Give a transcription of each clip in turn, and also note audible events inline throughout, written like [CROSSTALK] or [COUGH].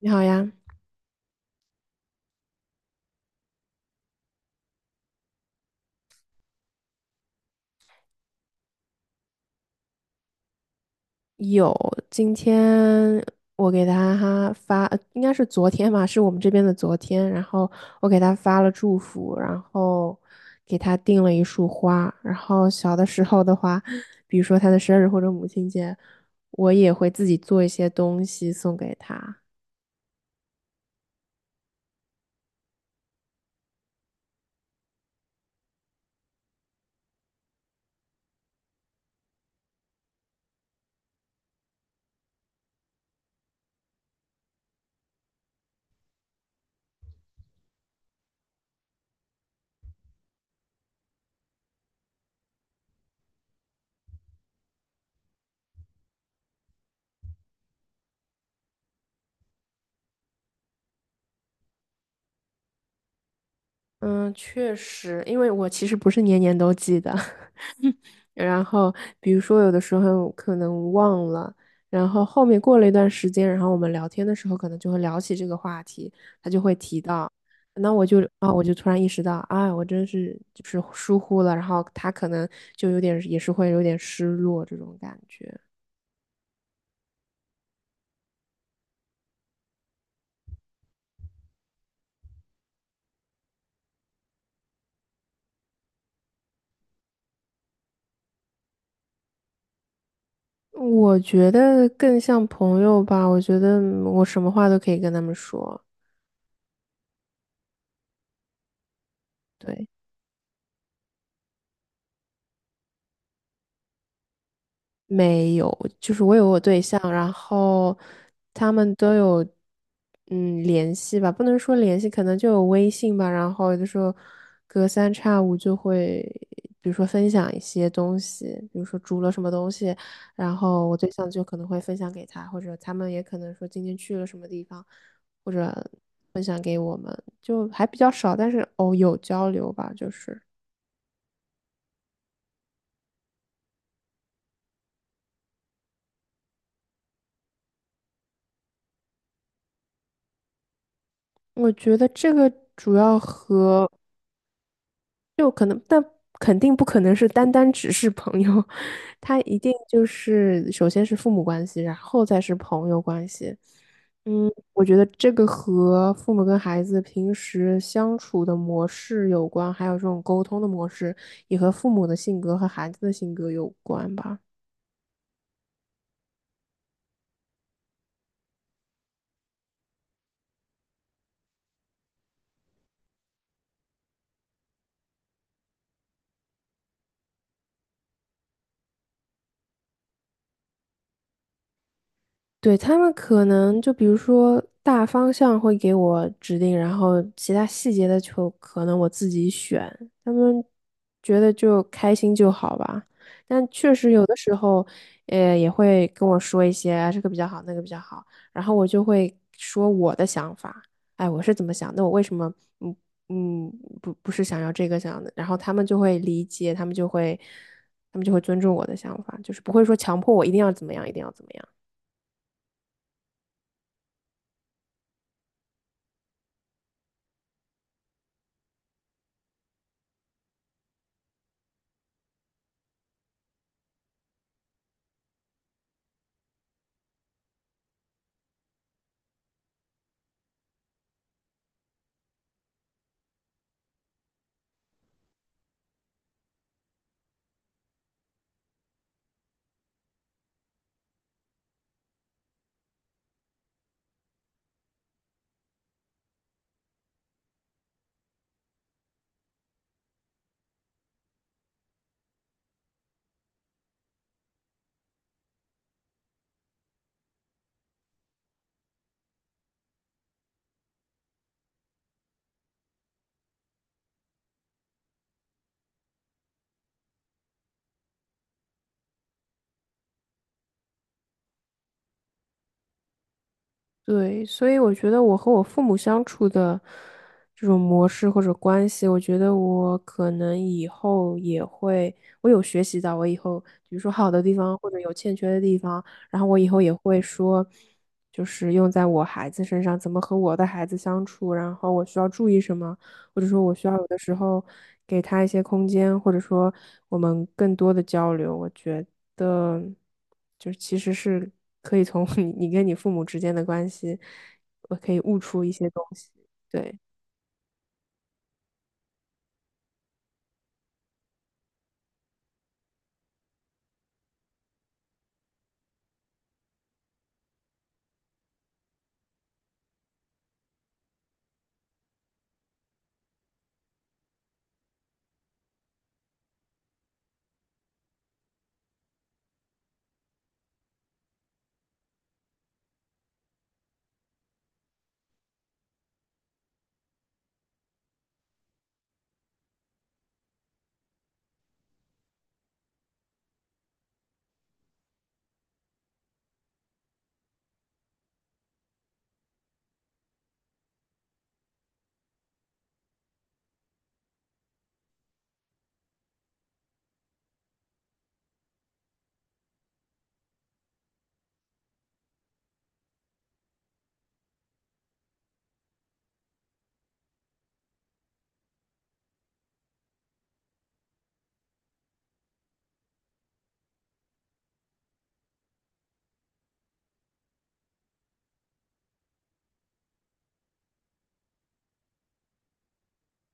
你好呀。有。今天我给他哈发，应该是昨天吧，是我们这边的昨天，然后我给他发了祝福，然后给他订了一束花。然后小的时候的话，比如说他的生日或者母亲节，我也会自己做一些东西送给他。嗯，确实，因为我其实不是年年都记得，[LAUGHS] 然后比如说有的时候可能忘了，然后后面过了一段时间，然后我们聊天的时候可能就会聊起这个话题，他就会提到。那我就啊，我就突然意识到，啊，我真是就是疏忽了，然后他可能就有点也是会有点失落这种感觉。我觉得更像朋友吧，我觉得我什么话都可以跟他们说。对。没有。就是我有我对象，然后他们都有嗯联系吧，不能说联系，可能就有微信吧。然后有的时候隔三差五就会，比如说分享一些东西，比如说煮了什么东西，然后我对象就可能会分享给他，或者他们也可能说今天去了什么地方，或者分享给我们，就还比较少，但是哦有交流吧。就是我觉得这个主要和。就可能，但肯定不可能是单单只是朋友。[LAUGHS] 他一定就是首先是父母关系，然后再是朋友关系。嗯，我觉得这个和父母跟孩子平时相处的模式有关，还有这种沟通的模式，也和父母的性格和孩子的性格有关吧。对，他们可能就比如说大方向会给我指定，然后其他细节的就可能我自己选。他们觉得就开心就好吧。但确实有的时候，也会跟我说一些啊这个比较好，那个比较好，然后我就会说我的想法。哎，我是怎么想？那我为什么嗯嗯不是想要这个想的？然后他们就会理解，他们就会尊重我的想法，就是不会说强迫我一定要怎么样，一定要怎么样。对，所以我觉得我和我父母相处的这种模式或者关系，我觉得我可能以后也会，我有学习到，我以后比如说好的地方或者有欠缺的地方，然后我以后也会说，就是用在我孩子身上，怎么和我的孩子相处，然后我需要注意什么，或者说我需要有的时候给他一些空间，或者说我们更多的交流，我觉得。的，就是其实是可以从 [LAUGHS] 你跟你父母之间的关系，我可以悟出一些东西。对。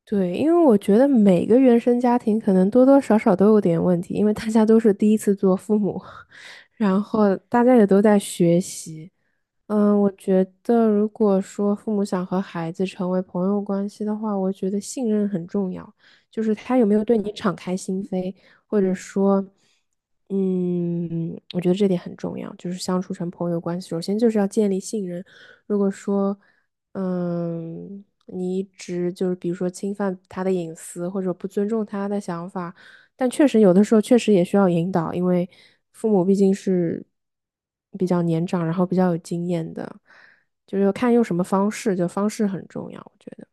对，因为我觉得每个原生家庭可能多多少少都有点问题，因为大家都是第一次做父母，[LAUGHS] 然后大家也都在学习。嗯，我觉得如果说父母想和孩子成为朋友关系的话，我觉得信任很重要，就是他有没有对你敞开心扉，或者说，嗯，我觉得这点很重要，就是相处成朋友关系，首先就是要建立信任。如果说嗯，你一直就是比如说侵犯他的隐私，或者不尊重他的想法，但确实有的时候确实也需要引导，因为父母毕竟是比较年长，然后比较有经验的，就是要看用什么方式，就方式很重要，我觉得。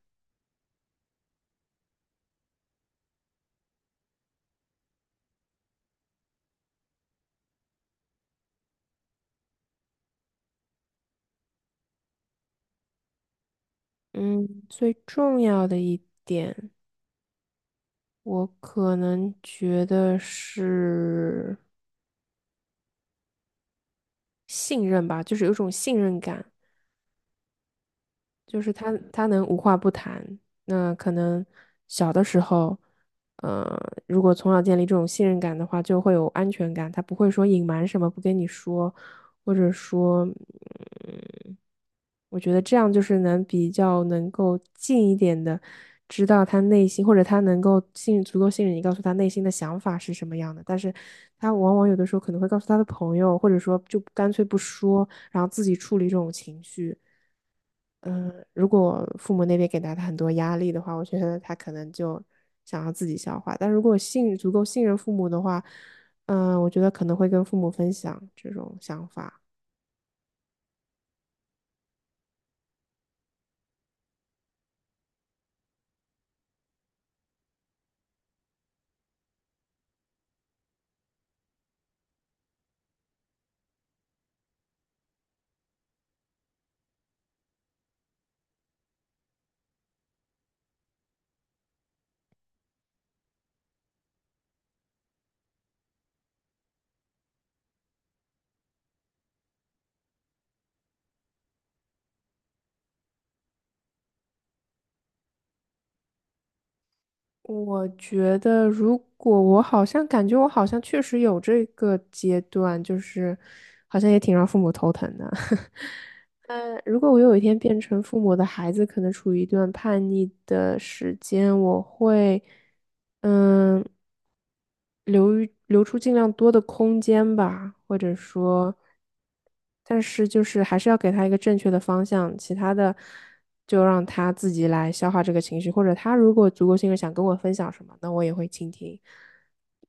嗯，最重要的一点，我可能觉得是信任吧，就是有一种信任感。就是他能无话不谈。那可能小的时候，呃，如果从小建立这种信任感的话，就会有安全感。他不会说隐瞒什么不跟你说，或者说，嗯，我觉得这样就是能比较能够近一点的知道他内心，或者他能够信足够信任你，告诉他内心的想法是什么样的。但是他往往有的时候可能会告诉他的朋友，或者说就干脆不说，然后自己处理这种情绪。嗯，如果父母那边给到他很多压力的话，我觉得他可能就想要自己消化。但如果信足够信任父母的话，嗯，我觉得可能会跟父母分享这种想法。我觉得，如果我好像感觉我好像确实有这个阶段，就是好像也挺让父母头疼的。[LAUGHS] 如果我有一天变成父母的孩子，可能处于一段叛逆的时间，我会，嗯，留于留出尽量多的空间吧，或者说，但是就是还是要给他一个正确的方向，其他的就让他自己来消化这个情绪，或者他如果足够信任想跟我分享什么，那我也会倾听，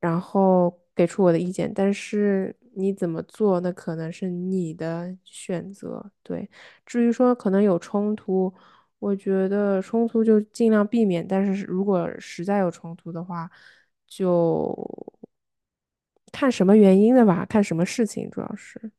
然后给出我的意见，但是你怎么做，那可能是你的选择，对。至于说可能有冲突，我觉得冲突就尽量避免，但是如果实在有冲突的话，就看什么原因的吧，看什么事情主要是。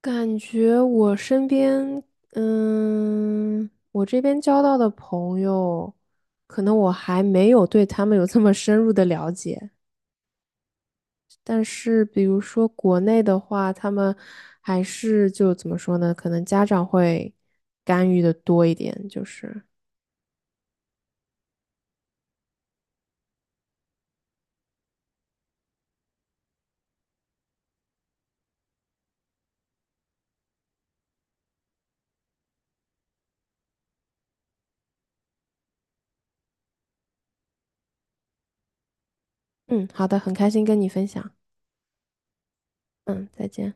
感觉我身边，嗯，我这边交到的朋友，可能我还没有对他们有这么深入的了解。但是，比如说国内的话，他们还是就怎么说呢？可能家长会干预的多一点，就是。嗯，好的，很开心跟你分享。嗯，再见。